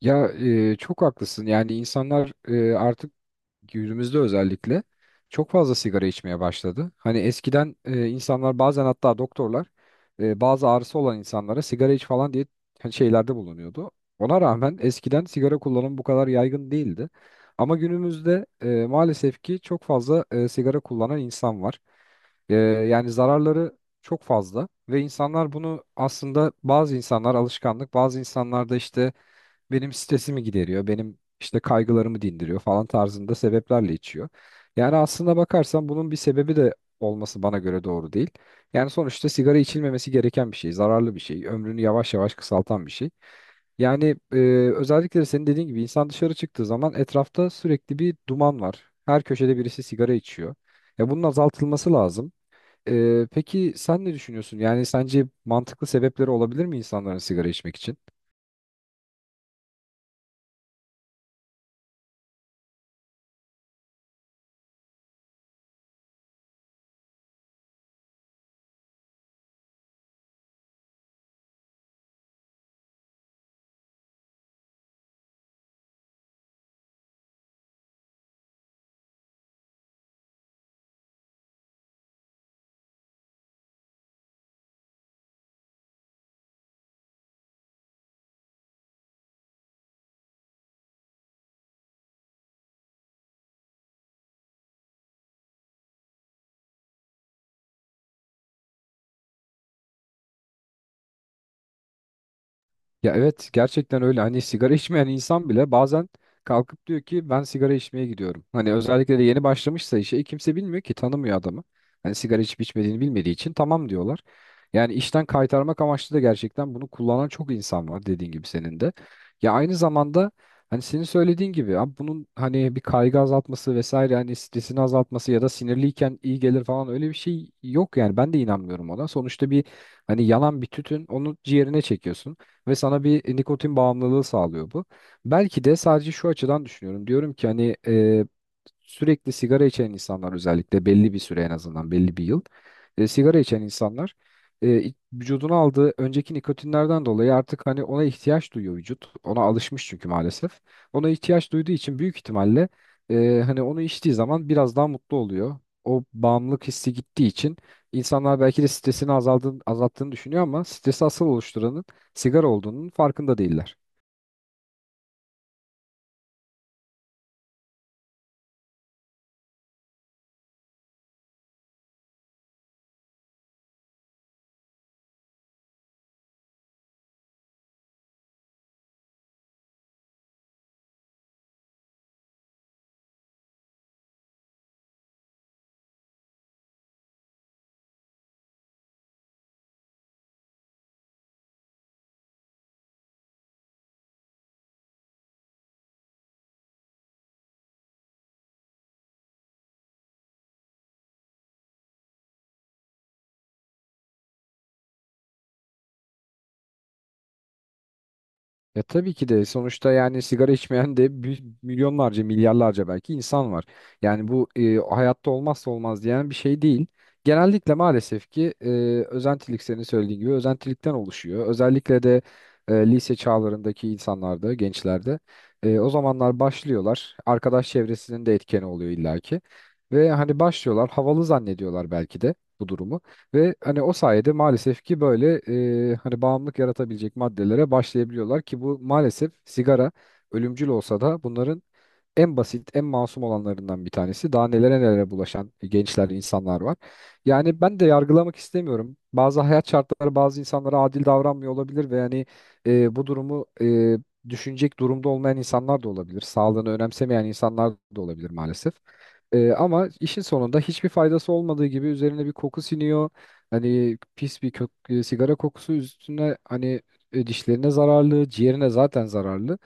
Ya çok haklısın. Yani insanlar artık günümüzde özellikle çok fazla sigara içmeye başladı. Hani eskiden insanlar bazen hatta doktorlar bazı ağrısı olan insanlara sigara iç falan diye hani şeylerde bulunuyordu. Ona rağmen eskiden sigara kullanımı bu kadar yaygın değildi. Ama günümüzde maalesef ki çok fazla sigara kullanan insan var. Yani zararları çok fazla ve insanlar bunu aslında bazı insanlar alışkanlık, bazı insanlar da işte benim stresimi gideriyor, benim işte kaygılarımı dindiriyor falan tarzında sebeplerle içiyor. Yani aslına bakarsan bunun bir sebebi de olması bana göre doğru değil. Yani sonuçta sigara içilmemesi gereken bir şey, zararlı bir şey, ömrünü yavaş yavaş kısaltan bir şey. Yani özellikle de senin dediğin gibi insan dışarı çıktığı zaman etrafta sürekli bir duman var. Her köşede birisi sigara içiyor. Ya bunun azaltılması lazım. Peki sen ne düşünüyorsun? Yani sence mantıklı sebepleri olabilir mi insanların sigara içmek için? Ya evet gerçekten öyle hani sigara içmeyen insan bile bazen kalkıp diyor ki ben sigara içmeye gidiyorum. Hani özellikle de yeni başlamışsa işe kimse bilmiyor ki tanımıyor adamı. Hani sigara içip içmediğini bilmediği için tamam diyorlar. Yani işten kaytarmak amaçlı da gerçekten bunu kullanan çok insan var dediğin gibi senin de. Ya aynı zamanda hani senin söylediğin gibi abi bunun hani bir kaygı azaltması vesaire hani stresini azaltması ya da sinirliyken iyi gelir falan öyle bir şey yok yani ben de inanmıyorum ona. Sonuçta bir hani yanan bir tütün onu ciğerine çekiyorsun ve sana bir nikotin bağımlılığı sağlıyor bu. Belki de sadece şu açıdan düşünüyorum. Diyorum ki hani sürekli sigara içen insanlar özellikle belli bir süre en azından belli bir yıl sigara içen insanlar vücuduna aldığı önceki nikotinlerden dolayı artık hani ona ihtiyaç duyuyor vücut. Ona alışmış çünkü maalesef. Ona ihtiyaç duyduğu için büyük ihtimalle hani onu içtiği zaman biraz daha mutlu oluyor. O bağımlılık hissi gittiği için insanlar belki de stresini azaldığını, azalttığını düşünüyor ama stresi asıl oluşturanın sigara olduğunun farkında değiller. Ya tabii ki de sonuçta yani sigara içmeyen de milyonlarca milyarlarca belki insan var. Yani bu hayatta olmazsa olmaz diyen bir şey değil. Genellikle maalesef ki özentilik senin söylediğin gibi özentilikten oluşuyor. Özellikle de lise çağlarındaki insanlarda, gençlerde o zamanlar başlıyorlar. Arkadaş çevresinin de etkeni oluyor illaki. Ve hani başlıyorlar havalı zannediyorlar belki de bu durumu. Ve hani o sayede maalesef ki böyle hani bağımlılık yaratabilecek maddelere başlayabiliyorlar ki bu maalesef sigara ölümcül olsa da bunların en basit, en masum olanlarından bir tanesi. Daha nelere nelere bulaşan gençler, insanlar var. Yani ben de yargılamak istemiyorum. Bazı hayat şartları bazı insanlara adil davranmıyor olabilir ve yani bu durumu düşünecek durumda olmayan insanlar da olabilir. Sağlığını önemsemeyen insanlar da olabilir maalesef. Ama işin sonunda hiçbir faydası olmadığı gibi üzerine bir koku siniyor. Hani pis bir kök, sigara kokusu üstüne hani dişlerine zararlı, ciğerine zaten zararlı.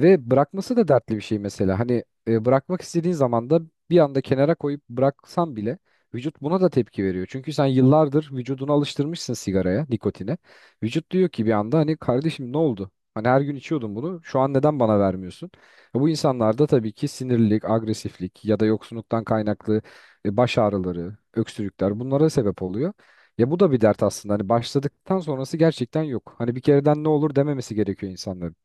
Ve bırakması da dertli bir şey mesela. Hani bırakmak istediğin zaman da bir anda kenara koyup bıraksan bile vücut buna da tepki veriyor. Çünkü sen yıllardır vücudunu alıştırmışsın sigaraya, nikotine. Vücut diyor ki bir anda hani kardeşim ne oldu? Hani her gün içiyordun bunu. Şu an neden bana vermiyorsun? Bu insanlarda tabii ki sinirlilik, agresiflik ya da yoksunluktan kaynaklı baş ağrıları, öksürükler bunlara sebep oluyor. Ya bu da bir dert aslında. Hani başladıktan sonrası gerçekten yok. Hani bir kereden ne olur dememesi gerekiyor insanların.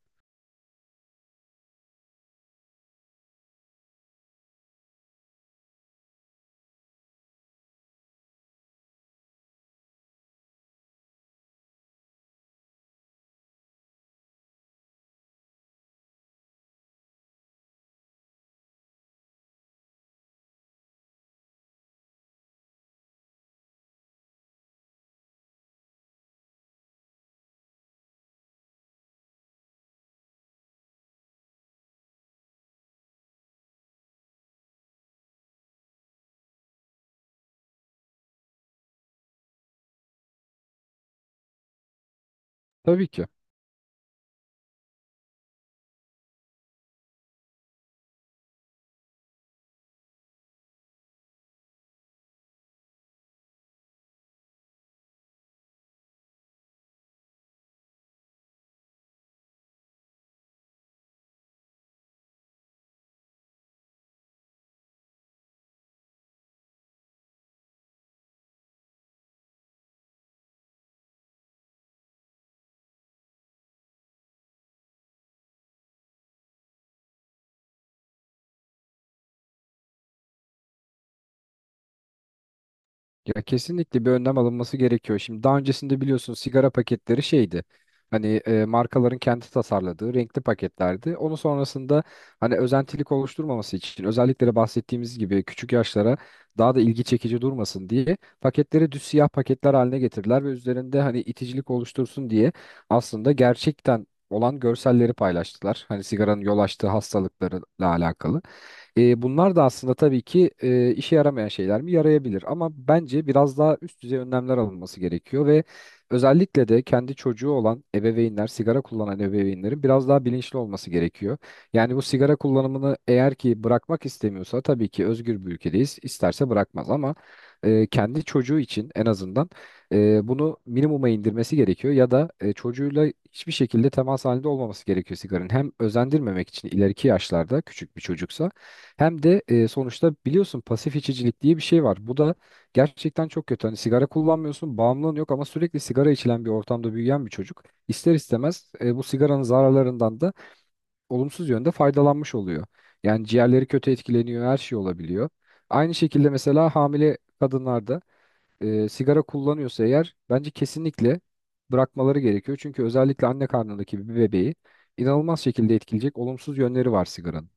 Tabii ki. Ya kesinlikle bir önlem alınması gerekiyor. Şimdi daha öncesinde biliyorsun sigara paketleri şeydi. Hani markaların kendi tasarladığı renkli paketlerdi. Onun sonrasında hani özentilik oluşturmaması için özellikle de bahsettiğimiz gibi küçük yaşlara daha da ilgi çekici durmasın diye paketleri düz siyah paketler haline getirdiler ve üzerinde hani iticilik oluştursun diye aslında gerçekten olan görselleri paylaştılar. Hani sigaranın yol açtığı hastalıklarla alakalı. Bunlar da aslında tabii ki işe yaramayan şeyler mi? Yarayabilir ama bence biraz daha üst düzey önlemler alınması gerekiyor ve özellikle de kendi çocuğu olan ebeveynler, sigara kullanan ebeveynlerin biraz daha bilinçli olması gerekiyor. Yani bu sigara kullanımını eğer ki bırakmak istemiyorsa tabii ki özgür bir ülkedeyiz, İsterse bırakmaz ama kendi çocuğu için en azından bunu minimuma indirmesi gerekiyor ya da çocuğuyla hiçbir şekilde temas halinde olmaması gerekiyor sigaranın. Hem özendirmemek için ileriki yaşlarda küçük bir çocuksa hem de sonuçta biliyorsun pasif içicilik diye bir şey var. Bu da gerçekten çok kötü. Hani sigara kullanmıyorsun, bağımlılığın yok ama sürekli sigara içilen bir ortamda büyüyen bir çocuk ister istemez bu sigaranın zararlarından da olumsuz yönde faydalanmış oluyor. Yani ciğerleri kötü etkileniyor, her şey olabiliyor. Aynı şekilde mesela hamile kadınlarda sigara kullanıyorsa eğer bence kesinlikle bırakmaları gerekiyor. Çünkü özellikle anne karnındaki bir bebeği inanılmaz şekilde etkileyecek olumsuz yönleri var sigaranın.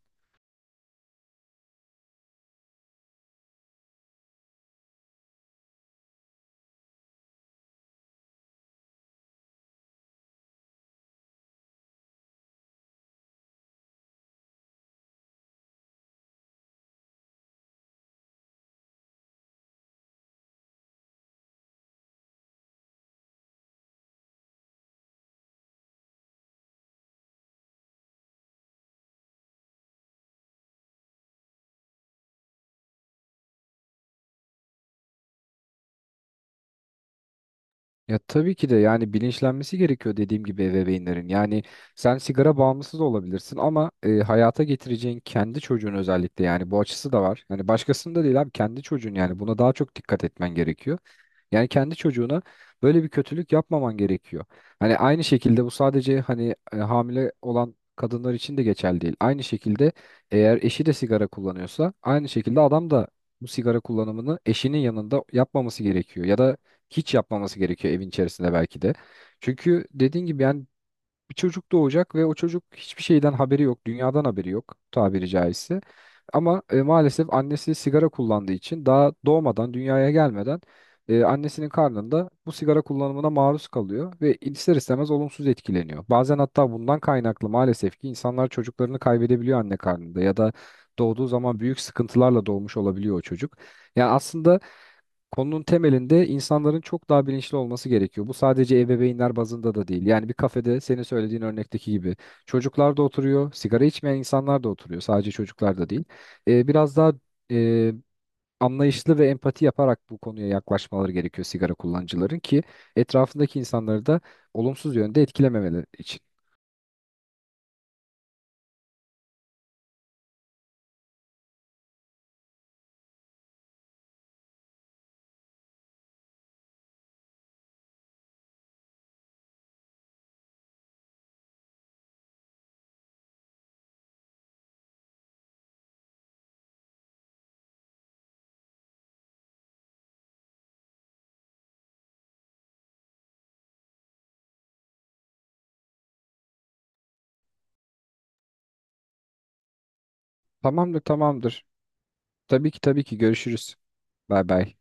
Ya tabii ki de yani bilinçlenmesi gerekiyor dediğim gibi ebeveynlerin. Yani sen sigara bağımlısı da olabilirsin ama hayata getireceğin kendi çocuğun özellikle yani bu açısı da var. Yani başkasının da değil abi kendi çocuğun yani buna daha çok dikkat etmen gerekiyor. Yani kendi çocuğuna böyle bir kötülük yapmaman gerekiyor. Hani aynı şekilde bu sadece hani hamile olan kadınlar için de geçerli değil. Aynı şekilde eğer eşi de sigara kullanıyorsa aynı şekilde adam da bu sigara kullanımını eşinin yanında yapmaması gerekiyor ya da hiç yapmaması gerekiyor evin içerisinde belki de. Çünkü dediğin gibi yani bir çocuk doğacak ve o çocuk hiçbir şeyden haberi yok, dünyadan haberi yok tabiri caizse. Ama maalesef annesi sigara kullandığı için daha doğmadan, dünyaya gelmeden annesinin karnında bu sigara kullanımına maruz kalıyor ve ister istemez olumsuz etkileniyor. Bazen hatta bundan kaynaklı maalesef ki insanlar çocuklarını kaybedebiliyor anne karnında ya da doğduğu zaman büyük sıkıntılarla doğmuş olabiliyor o çocuk. Yani aslında konunun temelinde insanların çok daha bilinçli olması gerekiyor. Bu sadece ebeveynler bazında da değil. Yani bir kafede senin söylediğin örnekteki gibi çocuklar da oturuyor, sigara içmeyen insanlar da oturuyor. Sadece çocuklar da değil. Biraz daha e, anlayışlı ve empati yaparak bu konuya yaklaşmaları gerekiyor sigara kullanıcıların ki etrafındaki insanları da olumsuz yönde etkilememeleri için. Tamamdır, tamamdır. Tabii ki tabii ki görüşürüz. Bay bay.